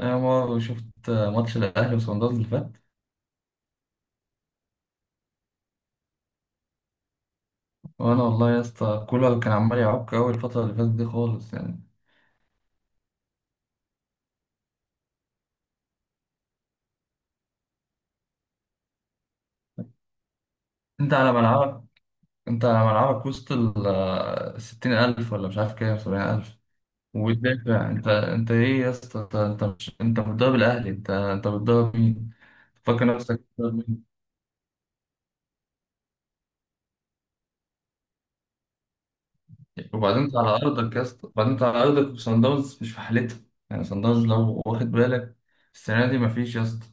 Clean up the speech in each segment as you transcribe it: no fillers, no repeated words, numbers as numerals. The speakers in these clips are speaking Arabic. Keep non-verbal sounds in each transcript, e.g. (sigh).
انا مرة شفت ماتش الاهلي وصن داونز اللي فات. وانا والله يا اسطى، كولر كان عمال يعك اول الفتره اللي فاتت دي خالص يعني. انت على ملعبك انت على ملعبك وسط ال 60,000، ولا مش عارف كام، 70,000، وتدافع. انت ايه يا اسطى؟ انت مش انت بتضرب الاهلي؟ انت بتضرب مين؟ فاكر نفسك بتضرب مين؟ وبعدين انت على ارضك يا اسطى، وبعدين انت على ارضك وصن داونز مش في حالتها. يعني صن داونز لو واخد بالك، السنه دي مفيش يا اسطى.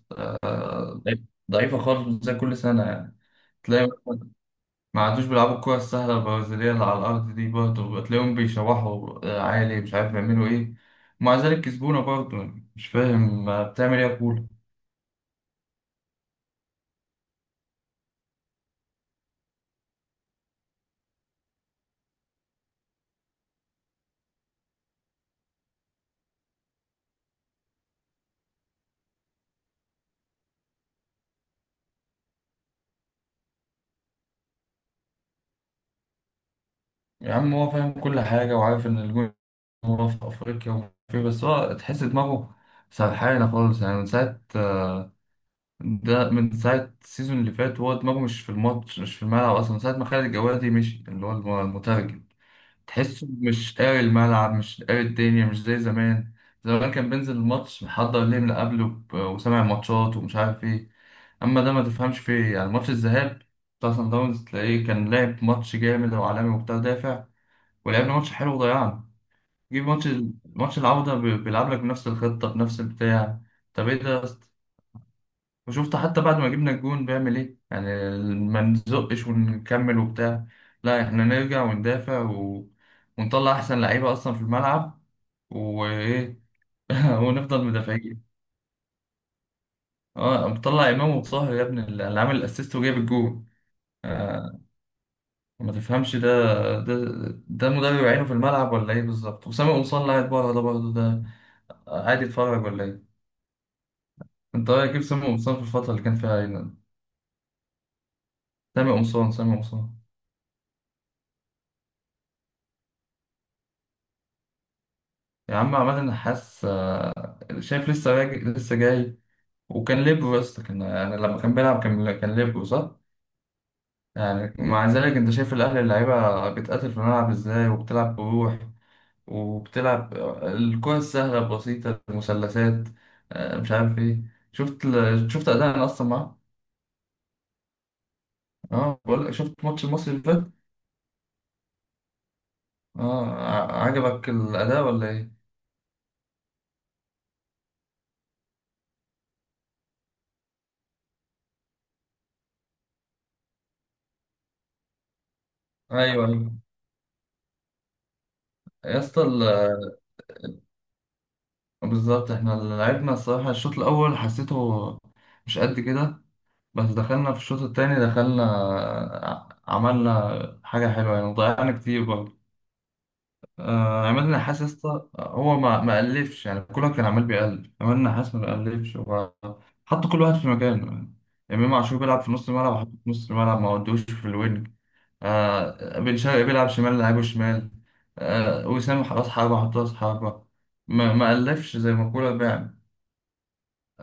ضعيف- ضعيفه خالص، مش زي كل سنه يعني. تلاقي مثلاً ما عادوش بيلعبوا الكرة السهلة البرازيلية اللي على الأرض دي، برضه تلاقيهم بيشوحوا عالي، مش عارف بيعملوا إيه. ومع ذلك كسبونا برضه، يعني مش فاهم بتعمل إيه يا كورة. يا عم هو فاهم كل حاجة وعارف إن الجون، هو في أفريقيا ومش عارف إيه، بس هو تحس دماغه سرحانة خالص يعني من ساعة ده من ساعة السيزون اللي فات. هو دماغه مش في الماتش، مش في الملعب أصلا، من ساعة ما خالد الجوادي مشي، اللي هو المترجم. تحسه مش قاري الملعب، مش قاري الدنيا، مش زي زمان. زمان كان بينزل الماتش محضر ليه من قبله وسامع ماتشات ومش عارف ايه. اما ده ما تفهمش فيه إيه. يعني ماتش الذهاب بتاع سان داونز تلاقيه كان لعب ماتش جامد وعالمي وبتاع، دافع ولعبنا ماتش حلو وضيعنا. جيب ماتش ماتش العودة بيلعب لك بنفس الخطة بنفس البتاع. طب ايه ده؟ وشفت حتى بعد ما جبنا الجون بيعمل ايه يعني؟ ما نزقش ونكمل وبتاع، لا احنا نرجع وندافع، و... ونطلع احسن لعيبه اصلا في الملعب وايه. (laughs) ونفضل مدافعين. اه، مطلع امام وطاهر يا ابني، اللي عامل الاسيست وجايب الجون. آه ما تفهمش ده. ده ده مدرب عينه في الملعب ولا ايه بالظبط؟ وسامي قمصان اللي قاعد بره ده برضه، ده قاعد يتفرج ولا ايه؟ انت رايك كيف سامي قمصان في الفتره اللي كان فيها عينه؟ سامي قمصان. يا عم عماد النحاس، شايف لسه راجع لسه جاي. وكان ليبرو يا اسطى، كان يعني لما كان بيلعب كان ليبرو، صح؟ يعني مع ذلك انت شايف الاهلي اللعيبه بتقاتل في الملعب ازاي، وبتلعب بروح وبتلعب الكرة السهله البسيطه المثلثات، مش عارف ايه. شفت اداء اصلا معاه. اه بقول لك، شفت ماتش المصري اللي فات؟ اه، عجبك الاداء ولا ايه؟ ايوه ايوه يا اسطى. بالظبط، احنا لعبنا الصراحه الشوط الاول، حسيته مش قد كده، بس دخلنا في الشوط التاني، دخلنا عملنا حاجة حلوة، يعني ضيعنا كتير برضه. عماد النحاس يا اسطى هو ما ألفش يعني. كولر كان عمال بيألف، عماد النحاس ما بيألفش. هو حط كل واحد في مكانه يعني. إمام عاشور بيلعب في نص الملعب، وحط في نص الملعب ما ودوش في الوينج. بن شرقي بيلعب شمال، لعبه شمال. وسام راس حربة، حط راس حربة. ما ألفش زي ما كولر بيعمل.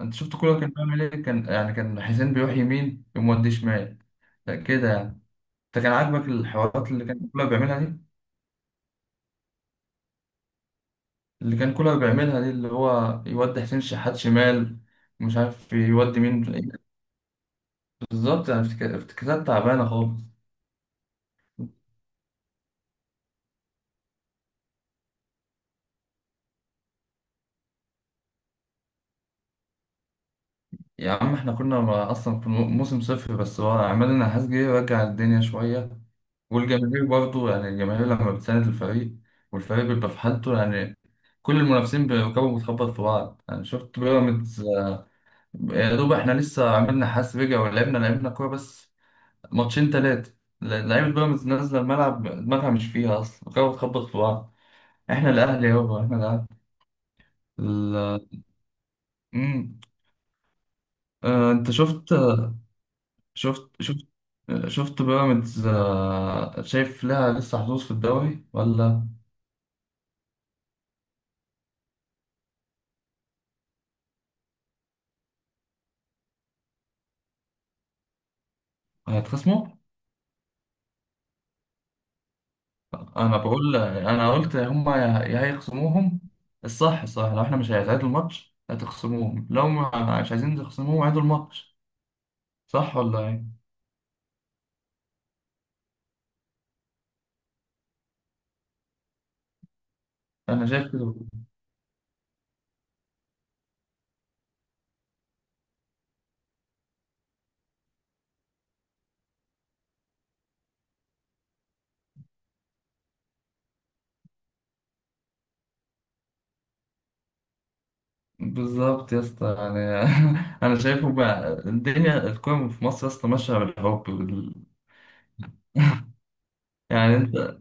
أنت شفت كولر كان بيعمل إيه؟ كان يعني كان حسين بيروح يمين، يقوم مودي شمال، كده يعني. انت كان عاجبك الحوارات اللي كان كولر بيعملها دي؟ اللي هو يودي حسين شحات شمال ومش عارف يودي مين. بالظبط، يعني افتكاسات تعبانه خالص. يا عم احنا كنا اصلا في موسم صفر، بس هو عماد النحاس جه يرجع الدنيا شويه. والجماهير برضه يعني، الجماهير لما بتساند الفريق والفريق بيبقى في حالته يعني، كل المنافسين بيركبوا بتخبط في بعض. يعني شفت بيراميدز؟ يا دوب احنا لسه عملنا حاس رجع، ولعبنا كوره بس ماتشين تلاتة. لعيبة بيراميدز نازلة الملعب دماغها مش فيها أصلا، كانت بتخبط في بعض. إحنا الأهلي يابا، إحنا الأهلي. ال- مم. أنت شفت. شفت شفت شفت بيراميدز، شايف لها لسه حظوظ في الدوري ولا؟ هيتخصموا؟ أنا بقول أنا قلت هما يا يا هيخصموهم. الصح صح، لو إحنا مش هيتعادل الماتش هتخصموهم، لو مش عايزين تخصموهم عيدوا الماتش. صح ولا إيه؟ أنا شايف كده. بالظبط يا اسطى يعني. (laughs) انا شايفه بقى الدنيا، الكوره في مصر يا اسطى ماشيه بالحب يعني انت،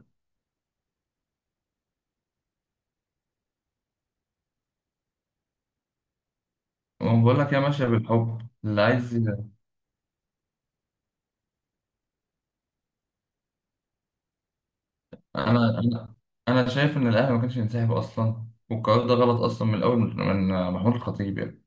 ما بقول لك هي ماشيه بالحب اللي عايز انا انا انا شايف ان الاهلي ما كانش ينسحب اصلا، والقرار ده غلط اصلا من الاول، من محمود الخطيب يعني.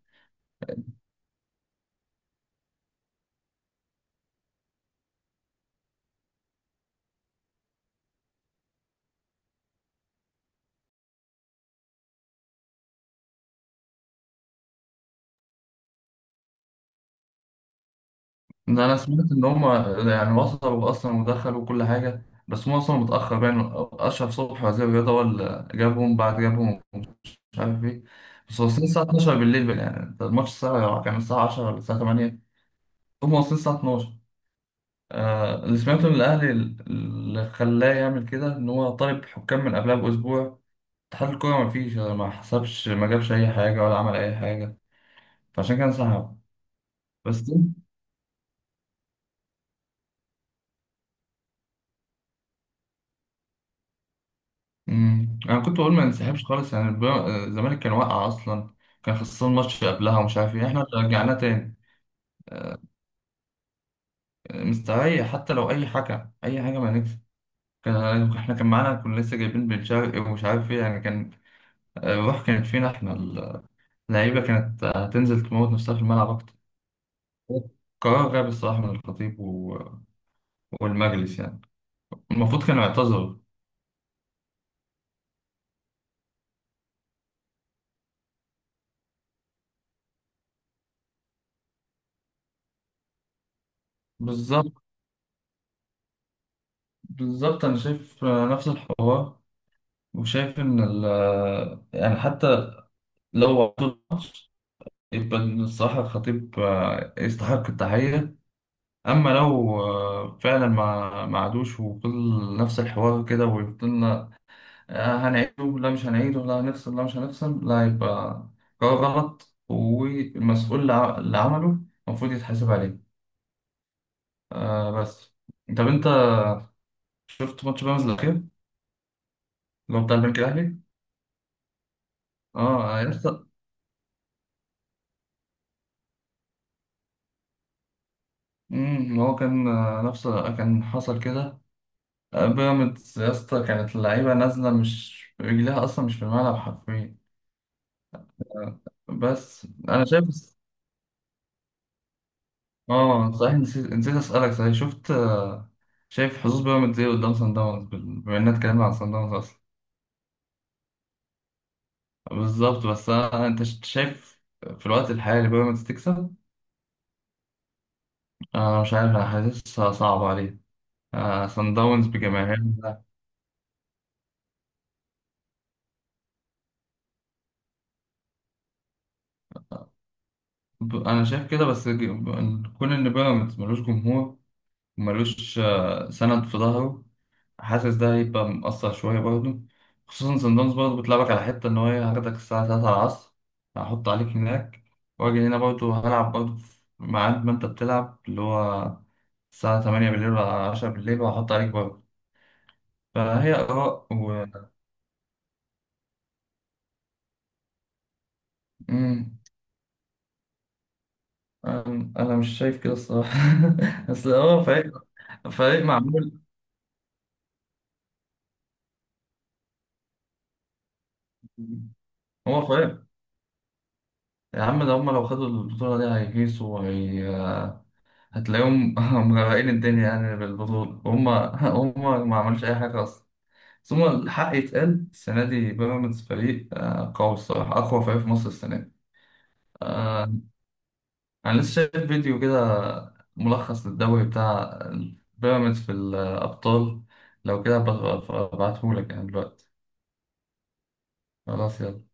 إن انا سمعت ان هم يعني وصلوا اصلا ودخلوا كل حاجه، بس هم وصلوا متاخر يعني. اشرف صبحي وزير الرياضه هو اللي جابهم، بعد جابهم ومش عارف ايه. بس واصلين الساعه 12 بالليل، يعني الماتش الساعه كان الساعه 10 ولا الساعه 8، هم واصلين الساعة 12. آه، اللي سمعته من الأهلي اللي خلاه يعمل كده، إن هو طالب حكام من قبلها بأسبوع، اتحاد الكورة مفيش، ما حسبش ما جابش أي حاجة ولا عمل أي حاجة، فعشان كده انسحب. بس مم. أنا كنت بقول ما ننسحبش خالص يعني. الزمالك كان واقع أصلا، كان خسران ماتش قبلها ومش عارف إيه، إحنا اللي رجعناه تاني. آه، مستريح حتى لو أي حكم أي حاجة ما نكسب. إحنا كان معانا، كنا لسه جايبين بن شرقي ومش عارف إيه يعني. كان الروح كانت فينا إحنا، لعيبة كانت هتنزل تموت نفسها في الملعب أكتر. قرار غبي الصراحة من الخطيب، و... والمجلس يعني، المفروض كانوا يعتذروا. بالظبط، بالظبط، أنا شايف نفس الحوار، وشايف إن، ال... يعني حتى لو عدوا الماتش يبقى الصراحة الخطيب يستحق التحية. أما لو فعلا ما عادوش وفضل نفس الحوار كده وفضلنا، هنعيده لا مش هنعيده، لا هنفصل لا مش هنفصل، لا يبقى قرار غلط، والمسؤول اللي عمله المفروض يتحاسب عليه. آه بس، طب انت شفت ماتش بيراميدز الاخير، اللي هو بتاع البنك الاهلي؟ اه يا اسطى. هو كان نفس كان حصل كده. بيراميدز يا اسطى كانت اللعيبه نازله، مش رجلها اصلا مش في الملعب حرفيا. آه، بس انا شايف. اه صحيح، نسيت نسيت اسالك، صحيح شفت شايف حظوظ بيراميدز ايه قدام سان داونز، بما اننا اتكلمنا عن سان داونز اصلا. بالظبط، بس أنا انت شايف في الوقت الحالي بيراميدز تكسب؟ انا مش عارف، انا حاسسها صعبه عليه. سان داونز بجماهيرها. انا شايف كده. بس كون ان بيراميدز ملوش جمهور، ملوش سند في ظهره، حاسس ده هيبقى مأثر شوية برضه. خصوصا سان داونز برضه بتلعبك على حتة إن هو إيه، هاخدك الساعة تلاتة العصر، هحط عليك هناك، وأجي هنا برضه هلعب برضه في ميعاد ما أنت بتلعب، اللي هو الساعة تمانية بالليل ولا عشرة بالليل، وهحط عليك برضه. فهي آراء. و مم. أنا مش شايف كده الصراحة. (laughs) بس هو فريق، فريق معمول. هو فريق. يا عم ده هم لو خدوا البطولة دي هيهيصوا، وهي هتلاقيهم (laughs) مغرقين الدنيا يعني بالبطولة وهم. (laughs) هم ما عملوش أي حاجة أصلا. ثم الحق يتقال، السنة دي بيراميدز فريق قوي الصراحة، أقوى فريق في مصر السنة دي. آه، أنا لسه شايف فيديو كده ملخص للدوري بتاع بيراميدز في الأبطال. لو كده هبقى أبعتهولك يعني دلوقتي. خلاص يلا.